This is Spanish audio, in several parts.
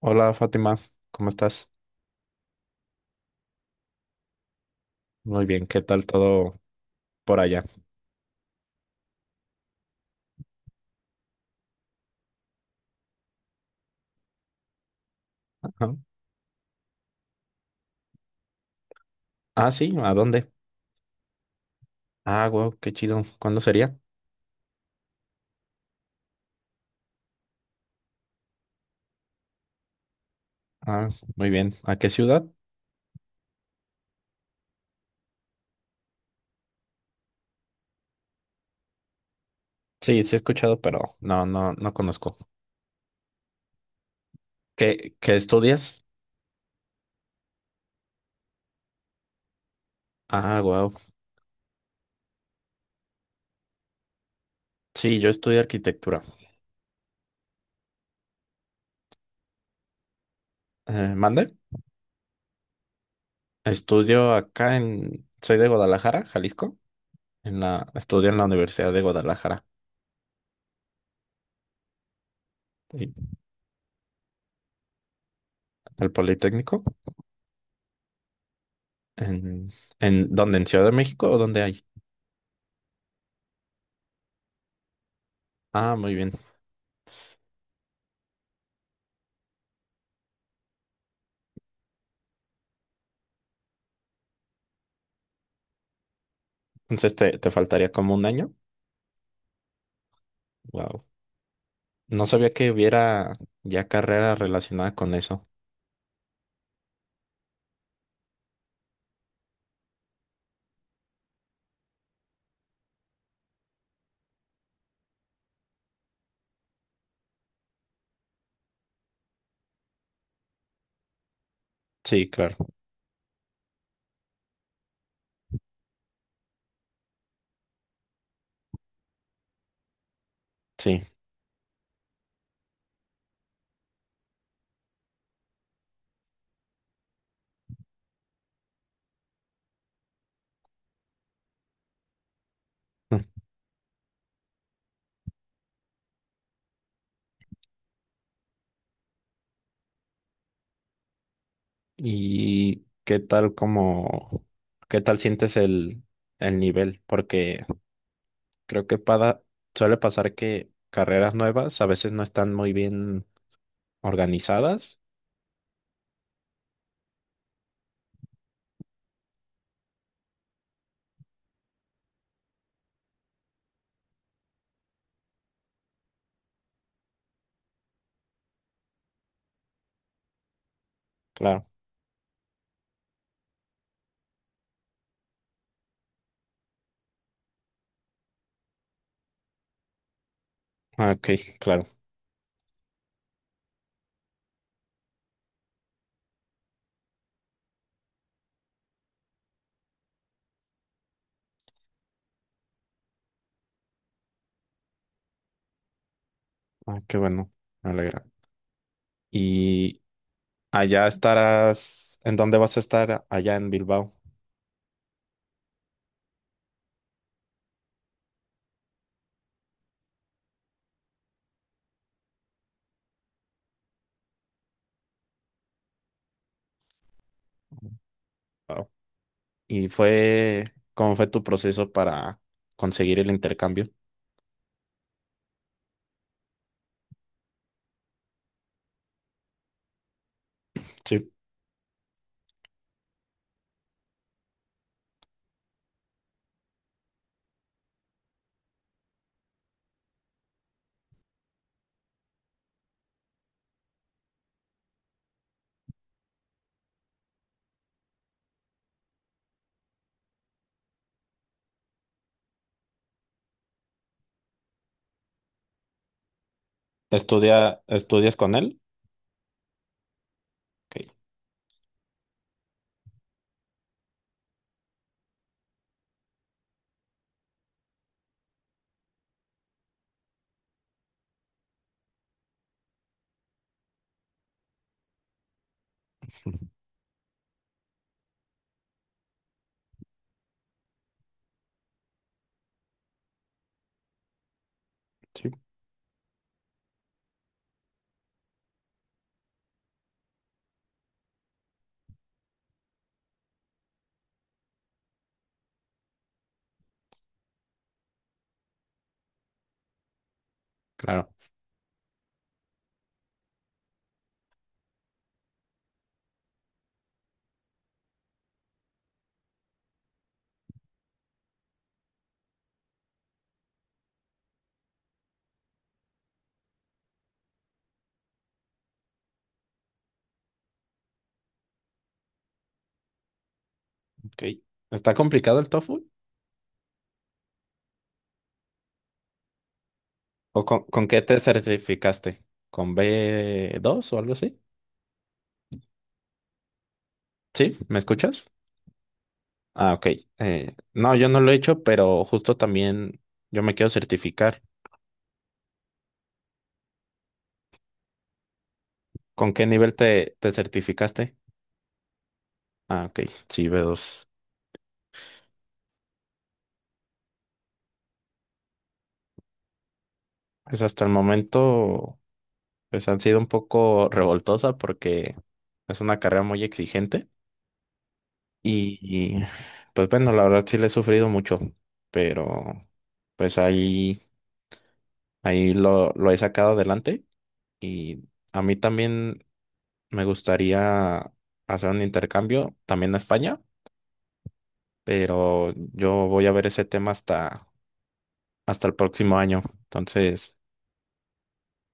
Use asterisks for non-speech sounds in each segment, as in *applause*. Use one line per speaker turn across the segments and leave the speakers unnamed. Hola Fátima, ¿cómo estás? Muy bien, ¿qué tal todo por allá? Ajá. Ah, sí, ¿a dónde? Ah, wow, qué chido. ¿Cuándo sería? Ah, muy bien. ¿A qué ciudad? Sí, sí he escuchado, pero no, no conozco. ¿Qué estudias? Ah, wow. Sí, yo estudio arquitectura. ¿Mande? Estudio acá en, soy de Guadalajara, Jalisco. En la, estudio en la Universidad de Guadalajara, y el Politécnico. ¿En, en dónde? ¿En Ciudad de México o dónde hay? Ah, muy bien. Entonces te faltaría como un año. Wow. No sabía que hubiera ya carrera relacionada con eso. Sí, claro. Sí. *laughs* ¿Y qué tal como, qué tal sientes el nivel? Porque creo que suele pasar que carreras nuevas a veces no están muy bien organizadas. Claro. Ah, ok, claro. Ah, qué bueno. Me alegra. ¿Y allá estarás? ¿En dónde vas a estar allá en Bilbao? Wao. ¿Y fue, cómo fue tu proceso para conseguir el intercambio? Sí. ¿Estudia, estudias con él? Ok. *laughs* Sí, claro. Ok. ¿Está complicado el TOEFL? ¿O con qué te certificaste? ¿Con B dos o algo así? Sí, ¿me escuchas? Ah, ok. No, yo no lo he hecho, pero justo también yo me quiero certificar. ¿Con qué nivel te certificaste? Ah, ok. Sí, b dos. Pues hasta el momento. Pues han sido un poco revoltosas porque es una carrera muy exigente y, y, pues bueno, la verdad sí le he sufrido mucho, pero pues ahí, ahí lo he sacado adelante y a mí también me gustaría hacer un intercambio también a España, pero yo voy a ver ese tema hasta, hasta el próximo año. Entonces,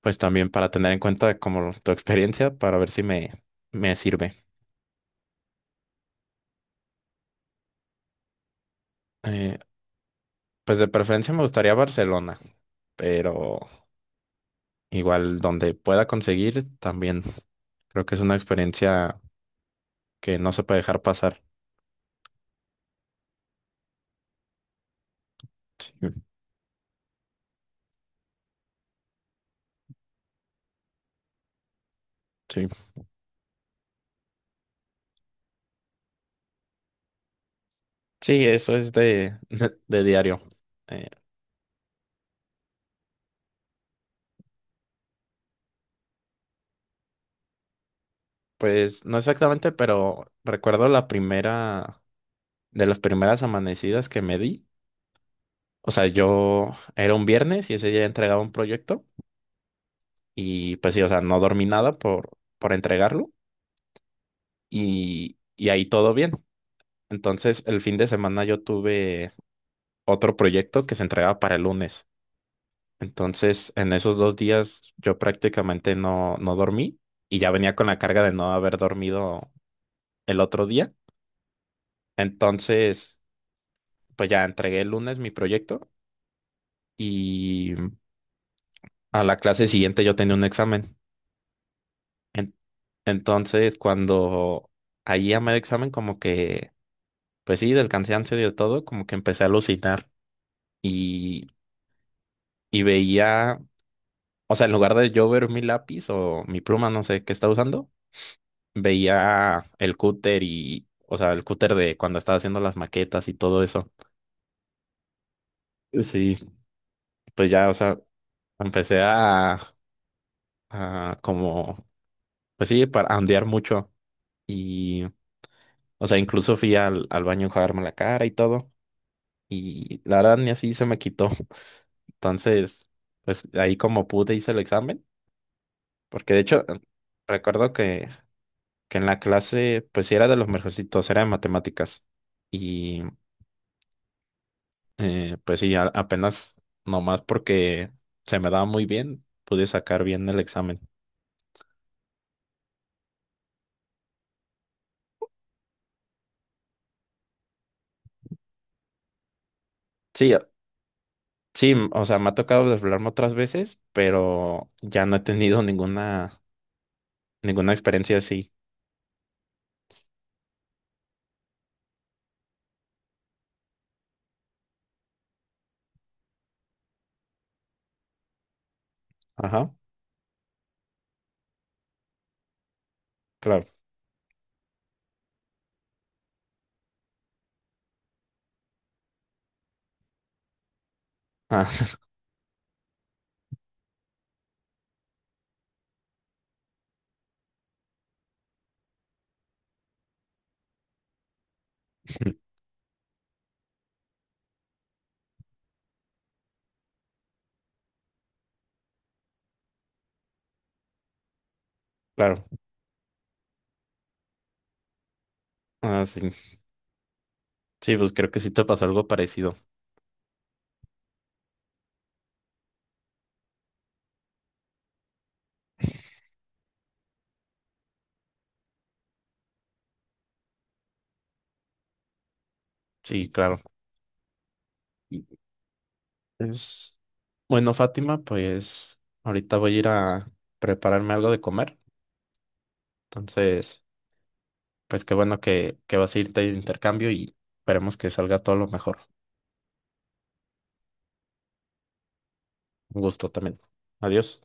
pues también para tener en cuenta como tu experiencia para ver si me sirve. Eh, Pues de preferencia me gustaría Barcelona, pero igual donde pueda conseguir también. Creo que es una experiencia que no se puede dejar pasar. Sí, sí. Sí, eso es de, *laughs* de diario. Eh, pues no exactamente, pero recuerdo la primera, de las primeras amanecidas que me di. O sea, yo era un viernes y ese día entregaba un proyecto y pues sí, o sea, no dormí nada por, por entregarlo y ahí todo bien. Entonces, el fin de semana yo tuve otro proyecto que se entregaba para el lunes. Entonces, en esos dos días yo prácticamente no dormí y ya venía con la carga de no haber dormido el otro día. Entonces, pues ya entregué el lunes mi proyecto y a la clase siguiente yo tenía un examen. En- entonces, cuando ahí a medio examen, como que, pues sí, del cansancio y de todo, como que empecé a alucinar y, y veía, o sea, en lugar de yo ver mi lápiz o mi pluma, no sé qué estaba usando, veía el cúter y, o sea, el cúter de cuando estaba haciendo las maquetas y todo eso. Sí, pues ya, o sea, empecé a como, pues sí, para ondear mucho y, o sea, incluso fui al, al baño a enjuagarme la cara y todo y la verdad ni así se me quitó. *laughs* Entonces, pues ahí como pude hice el examen, porque de hecho recuerdo que en la clase, pues sí era de los mejorcitos, era de matemáticas. Y pues sí, apenas nomás porque se me daba muy bien, pude sacar bien el examen. Sí, sí, o sea, me ha tocado desvelarme otras veces, pero ya no he tenido ninguna, ninguna experiencia así. Ajá, claro. Ah, *laughs* claro. Ah, sí. Sí, pues creo que sí te pasó algo parecido. Sí, claro. Y- es... Bueno, Fátima, pues ahorita voy a ir a prepararme algo de comer. Entonces... Pues qué bueno que vas a irte de intercambio y esperemos que salga todo lo mejor. Un gusto también. Adiós.